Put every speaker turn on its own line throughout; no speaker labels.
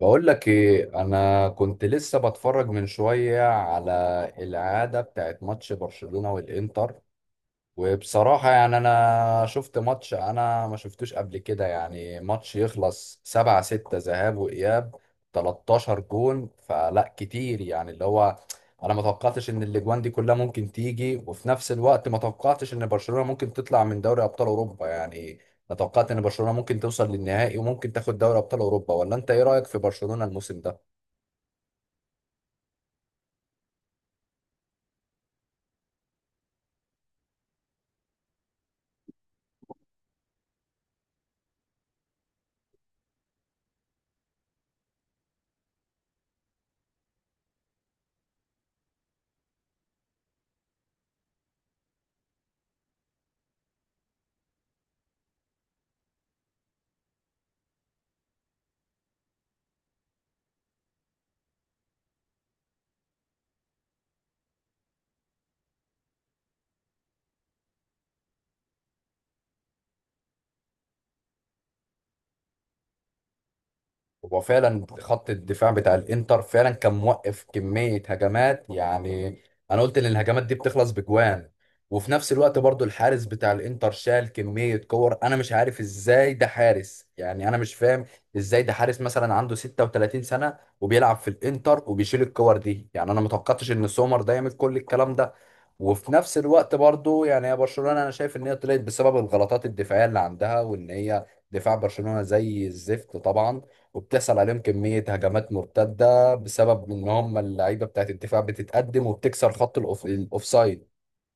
بقول لك ايه، انا كنت لسه بتفرج من شويه على العاده بتاعت ماتش برشلونه والانتر. وبصراحة يعني أنا شفت ماتش أنا ما شفتوش قبل كده، يعني ماتش يخلص سبعة ستة ذهاب وإياب 13 جون فلا، كتير يعني اللي هو أنا ما توقعتش إن الأجوان دي كلها ممكن تيجي، وفي نفس الوقت ما توقعتش إن برشلونة ممكن تطلع من دوري أبطال أوروبا يعني. أنا توقعت إن برشلونة ممكن توصل للنهائي وممكن تاخد دوري أبطال أوروبا، ولا أنت إيه رأيك في برشلونة الموسم ده؟ هو فعلا خط الدفاع بتاع الانتر فعلا كان موقف كمية هجمات يعني، انا قلت ان الهجمات دي بتخلص بجوان. وفي نفس الوقت برضو الحارس بتاع الانتر شال كمية كور، انا مش عارف ازاي ده حارس يعني، انا مش فاهم ازاي ده حارس مثلا عنده 36 سنة وبيلعب في الانتر وبيشيل الكور دي، يعني انا متوقعتش ان سومر ده يعمل كل الكلام ده. وفي نفس الوقت برضو يعني يا برشلونة، انا شايف ان هي طلعت بسبب الغلطات الدفاعية اللي عندها، وان هي دفاع برشلونة زي الزفت طبعا، وبتحصل عليهم كمية هجمات مرتدة بسبب ان هم اللعيبة بتاعت الدفاع بتتقدم وبتكسر خط الاوفسايد.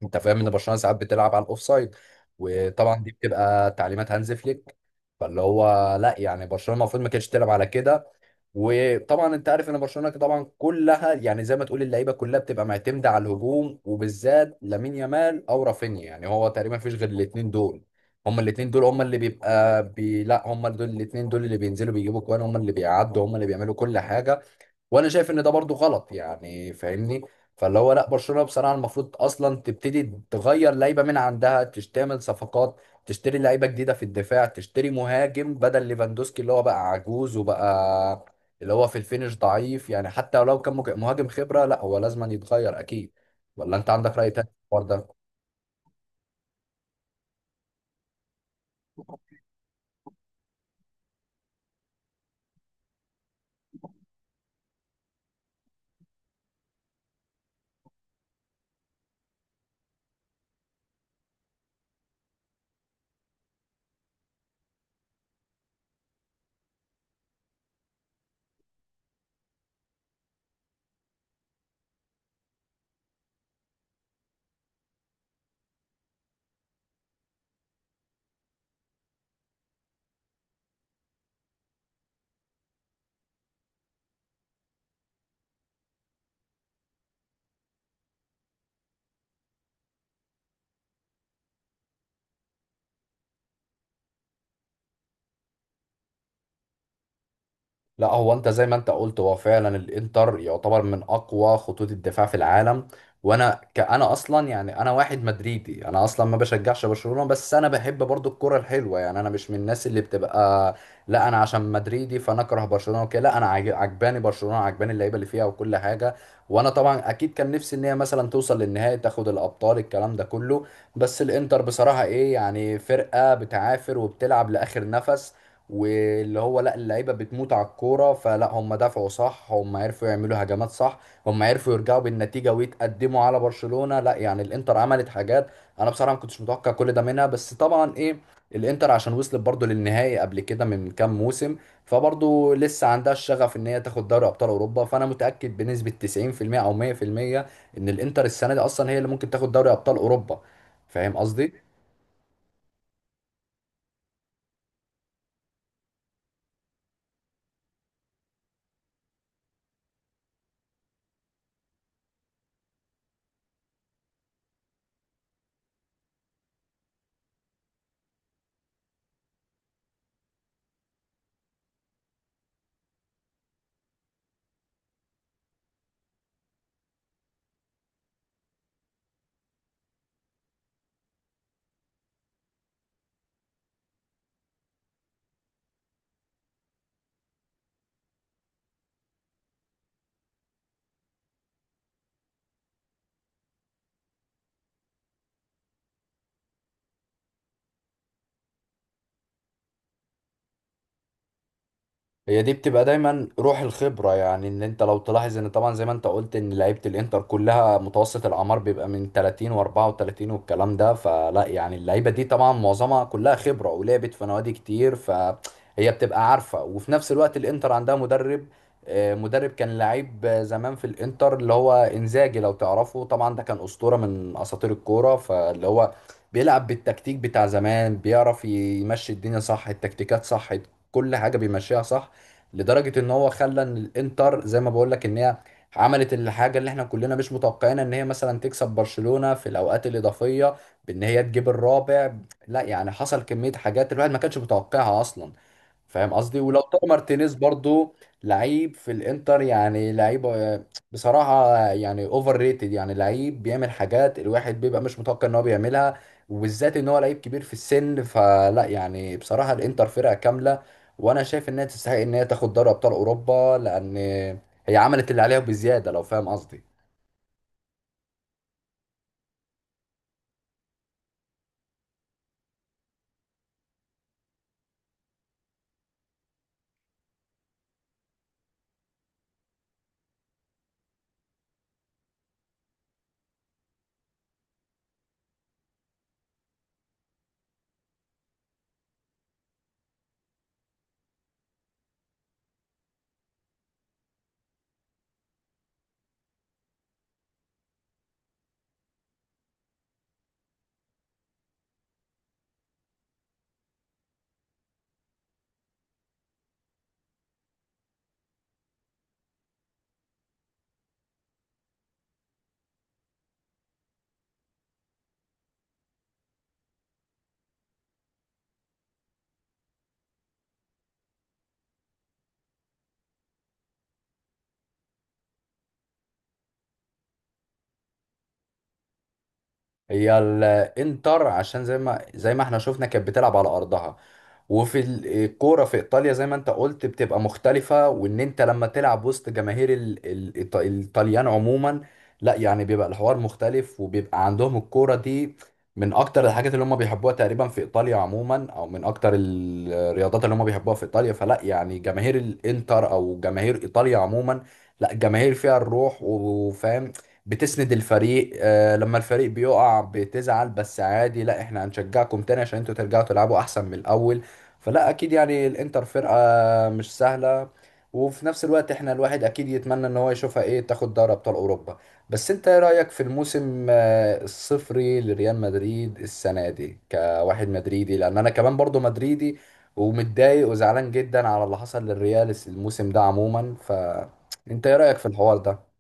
انت فاهم ان برشلونة ساعات بتلعب على الاوفسايد، وطبعا دي بتبقى تعليمات هانز فليك. فاللي هو لا يعني برشلونة المفروض ما كانتش تلعب على كده. وطبعا انت عارف ان برشلونه طبعا كلها يعني زي ما تقول اللعيبه كلها بتبقى معتمده على الهجوم، وبالذات لامين يامال او رافينيا، يعني هو تقريبا مفيش غير الاثنين دول. هما الاثنين دول هما اللي بيبقى لا، هما دول، الاثنين دول اللي بينزلوا بيجيبوا كوان، هما اللي بيعدوا، هما اللي بيعملوا كل حاجه. وانا شايف ان ده برضو غلط يعني، فاهمني؟ فاللي هو لا، برشلونه بصراحه المفروض اصلا تبتدي تغير لعيبه من عندها، تعمل صفقات، تشتري لعيبه جديده في الدفاع، تشتري مهاجم بدل ليفاندوسكي اللي هو بقى عجوز وبقى اللي هو في الفينش ضعيف، يعني حتى لو كان مهاجم خبره لا، هو لازم يتغير اكيد. ولا انت عندك راي تاني في الحوار ده؟ لا هو انت زي ما انت قلت، هو فعلا الانتر يعتبر من اقوى خطوط الدفاع في العالم. وانا كأنا اصلا، يعني انا واحد مدريدي، انا اصلا ما بشجعش برشلونة، بس انا بحب برضو الكرة الحلوة، يعني انا مش من الناس اللي بتبقى لا انا عشان مدريدي فانا اكره برشلونة وكده، لا انا عجباني برشلونة، عجباني اللعيبة اللي فيها وكل حاجة. وانا طبعا اكيد كان نفسي ان هي مثلا توصل للنهائي، تاخد الابطال، الكلام ده كله. بس الانتر بصراحة ايه يعني، فرقة بتعافر وبتلعب لاخر نفس. واللي هو لا، اللعيبه بتموت على الكوره، فلا هم دفعوا صح، هم عرفوا يعملوا هجمات صح، هم عرفوا يرجعوا بالنتيجه ويتقدموا على برشلونه. لا يعني الانتر عملت حاجات انا بصراحه ما كنتش متوقع كل ده منها، بس طبعا ايه، الانتر عشان وصلت برضو للنهائي قبل كده من كام موسم، فبرضو لسه عندها الشغف ان هي تاخد دوري ابطال اوروبا. فانا متاكد بنسبه 90% او 100% ان الانتر السنه دي اصلا هي اللي ممكن تاخد دوري ابطال اوروبا، فاهم قصدي؟ هي دي بتبقى دايما روح الخبرة، يعني ان انت لو تلاحظ ان طبعا زي ما انت قلت ان لعيبة الانتر كلها متوسط الاعمار بيبقى من 30 و34 والكلام ده، فلا يعني اللعيبة دي طبعا معظمها كلها خبرة ولعبت في نوادي كتير، فهي بتبقى عارفة. وفي نفس الوقت الانتر عندها مدرب، مدرب كان لعيب زمان في الانتر اللي هو انزاجي لو تعرفه طبعا، ده كان اسطورة من اساطير الكورة. فاللي هو بيلعب بالتكتيك بتاع زمان، بيعرف يمشي الدنيا صح، التكتيكات صح، كل حاجة بيمشيها صح. لدرجه ان هو خلى ان الانتر زي ما بقول لك ان هي عملت الحاجه اللي احنا كلنا مش متوقعينها، ان هي مثلا تكسب برشلونه في الاوقات الاضافيه بان هي تجيب الرابع. لا يعني حصل كميه حاجات الواحد ما كانش متوقعها اصلا، فاهم قصدي؟ ولو طار مارتينيز برضو، لعيب في الانتر يعني، لعيب بصراحة يعني اوفر ريتد، يعني لعيب بيعمل حاجات الواحد بيبقى مش متوقع ان هو بيعملها، وبالذات ان هو لعيب كبير في السن. فلا يعني بصراحة الانتر فرقة كاملة، وانا شايف انها تستحق ان هي تاخد دوري ابطال اوروبا، لان هي عملت اللي عليها بزيادة لو فاهم قصدي. هي الانتر عشان زي ما احنا شفنا كانت بتلعب على ارضها، وفي الكوره في ايطاليا زي ما انت قلت بتبقى مختلفه، وان انت لما تلعب وسط جماهير الايطاليان عموما، لا يعني بيبقى الحوار مختلف، وبيبقى عندهم الكوره دي من اكتر الحاجات اللي هم بيحبوها تقريبا في ايطاليا عموما، او من اكتر الرياضات اللي هم بيحبوها في ايطاليا. فلا يعني جماهير الانتر او جماهير ايطاليا عموما، لا جماهير فيها الروح وفاهم، بتسند الفريق. لما الفريق بيقع بتزعل بس عادي، لا احنا هنشجعكم تاني عشان انتوا ترجعوا تلعبوا احسن من الاول. فلا اكيد يعني الانتر فرقة مش سهلة، وفي نفس الوقت احنا الواحد اكيد يتمنى ان هو يشوفها ايه تاخد دوري ابطال اوروبا. بس انت ايه رأيك في الموسم الصفري لريال مدريد السنة دي كواحد مدريدي، لان انا كمان برضو مدريدي ومتضايق وزعلان جدا على اللي حصل للريال الموسم ده عموما، فانت ايه رأيك في الحوار ده؟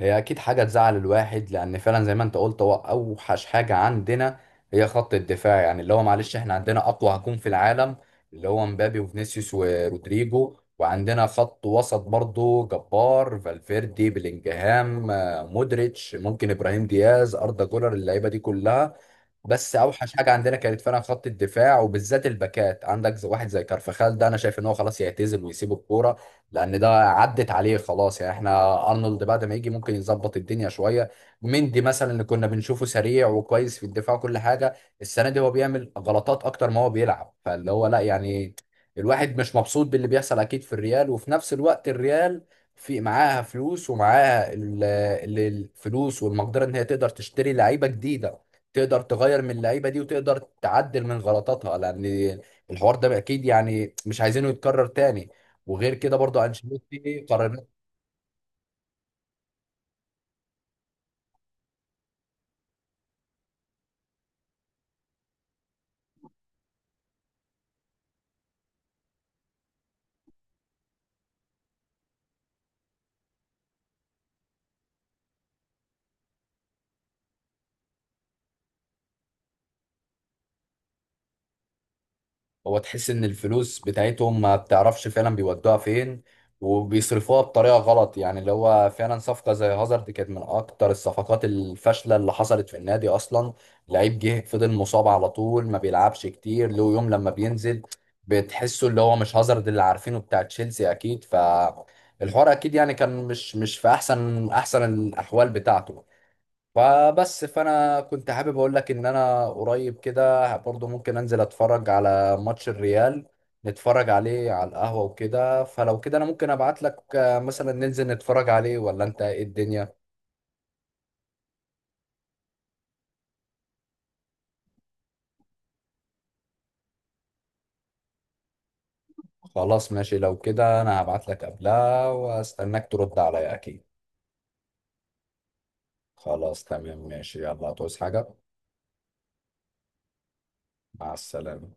هي اكيد حاجه تزعل الواحد، لان فعلا زي ما انت قلت هو اوحش حاجه عندنا هي خط الدفاع. يعني اللي هو معلش احنا عندنا اقوى هجوم في العالم، اللي هو مبابي وفينيسيوس ورودريجو، وعندنا خط وسط برضو جبار، فالفيردي، بلينجهام، مودريتش، ممكن ابراهيم دياز، اردا جولر، اللعيبه دي كلها. بس اوحش حاجه عندنا كانت فعلا خط الدفاع، وبالذات الباكات. عندك واحد زي كارفخال ده انا شايف ان هو خلاص يعتزل ويسيب الكوره، لان ده عدت عليه خلاص. يعني احنا ارنولد بعد ما يجي ممكن يظبط الدنيا شويه، مندي مثلا اللي كنا بنشوفه سريع وكويس في الدفاع وكل حاجه، السنه دي هو بيعمل غلطات اكتر ما هو بيلعب. فاللي هو لا يعني الواحد مش مبسوط باللي بيحصل اكيد في الريال. وفي نفس الوقت الريال في معاها فلوس، ومعاها الفلوس والمقدره ان هي تقدر تشتري لعيبه جديده، تقدر تغير من اللعيبه دي وتقدر تعدل من غلطاتها، لان الحوار ده اكيد يعني مش عايزينه يتكرر تاني. وغير كده برضو انشيلوتي قرارات. هو تحس ان الفلوس بتاعتهم ما بتعرفش فعلا بيودوها فين، وبيصرفوها بطريقه غلط، يعني اللي هو فعلا صفقه زي هازارد كانت من اكتر الصفقات الفاشله اللي حصلت في النادي اصلا. لعيب جه فضل مصاب على طول، ما بيلعبش كتير، له يوم لما بينزل بتحسه اللي هو مش هازارد اللي عارفينه بتاع تشيلسي اكيد. ف الحوار اكيد يعني كان مش في احسن الاحوال بتاعته. فبس فانا كنت حابب اقول لك ان انا قريب كده برضو، ممكن انزل اتفرج على ماتش الريال، نتفرج عليه على القهوة وكده. فلو كده انا ممكن ابعت لك مثلا ننزل نتفرج عليه، ولا انت ايه الدنيا؟ خلاص ماشي، لو كده انا هبعت لك قبلها واستناك ترد عليا اكيد. خلاص تمام ماشي، يلا هتعوز حاجة؟ مع السلامة.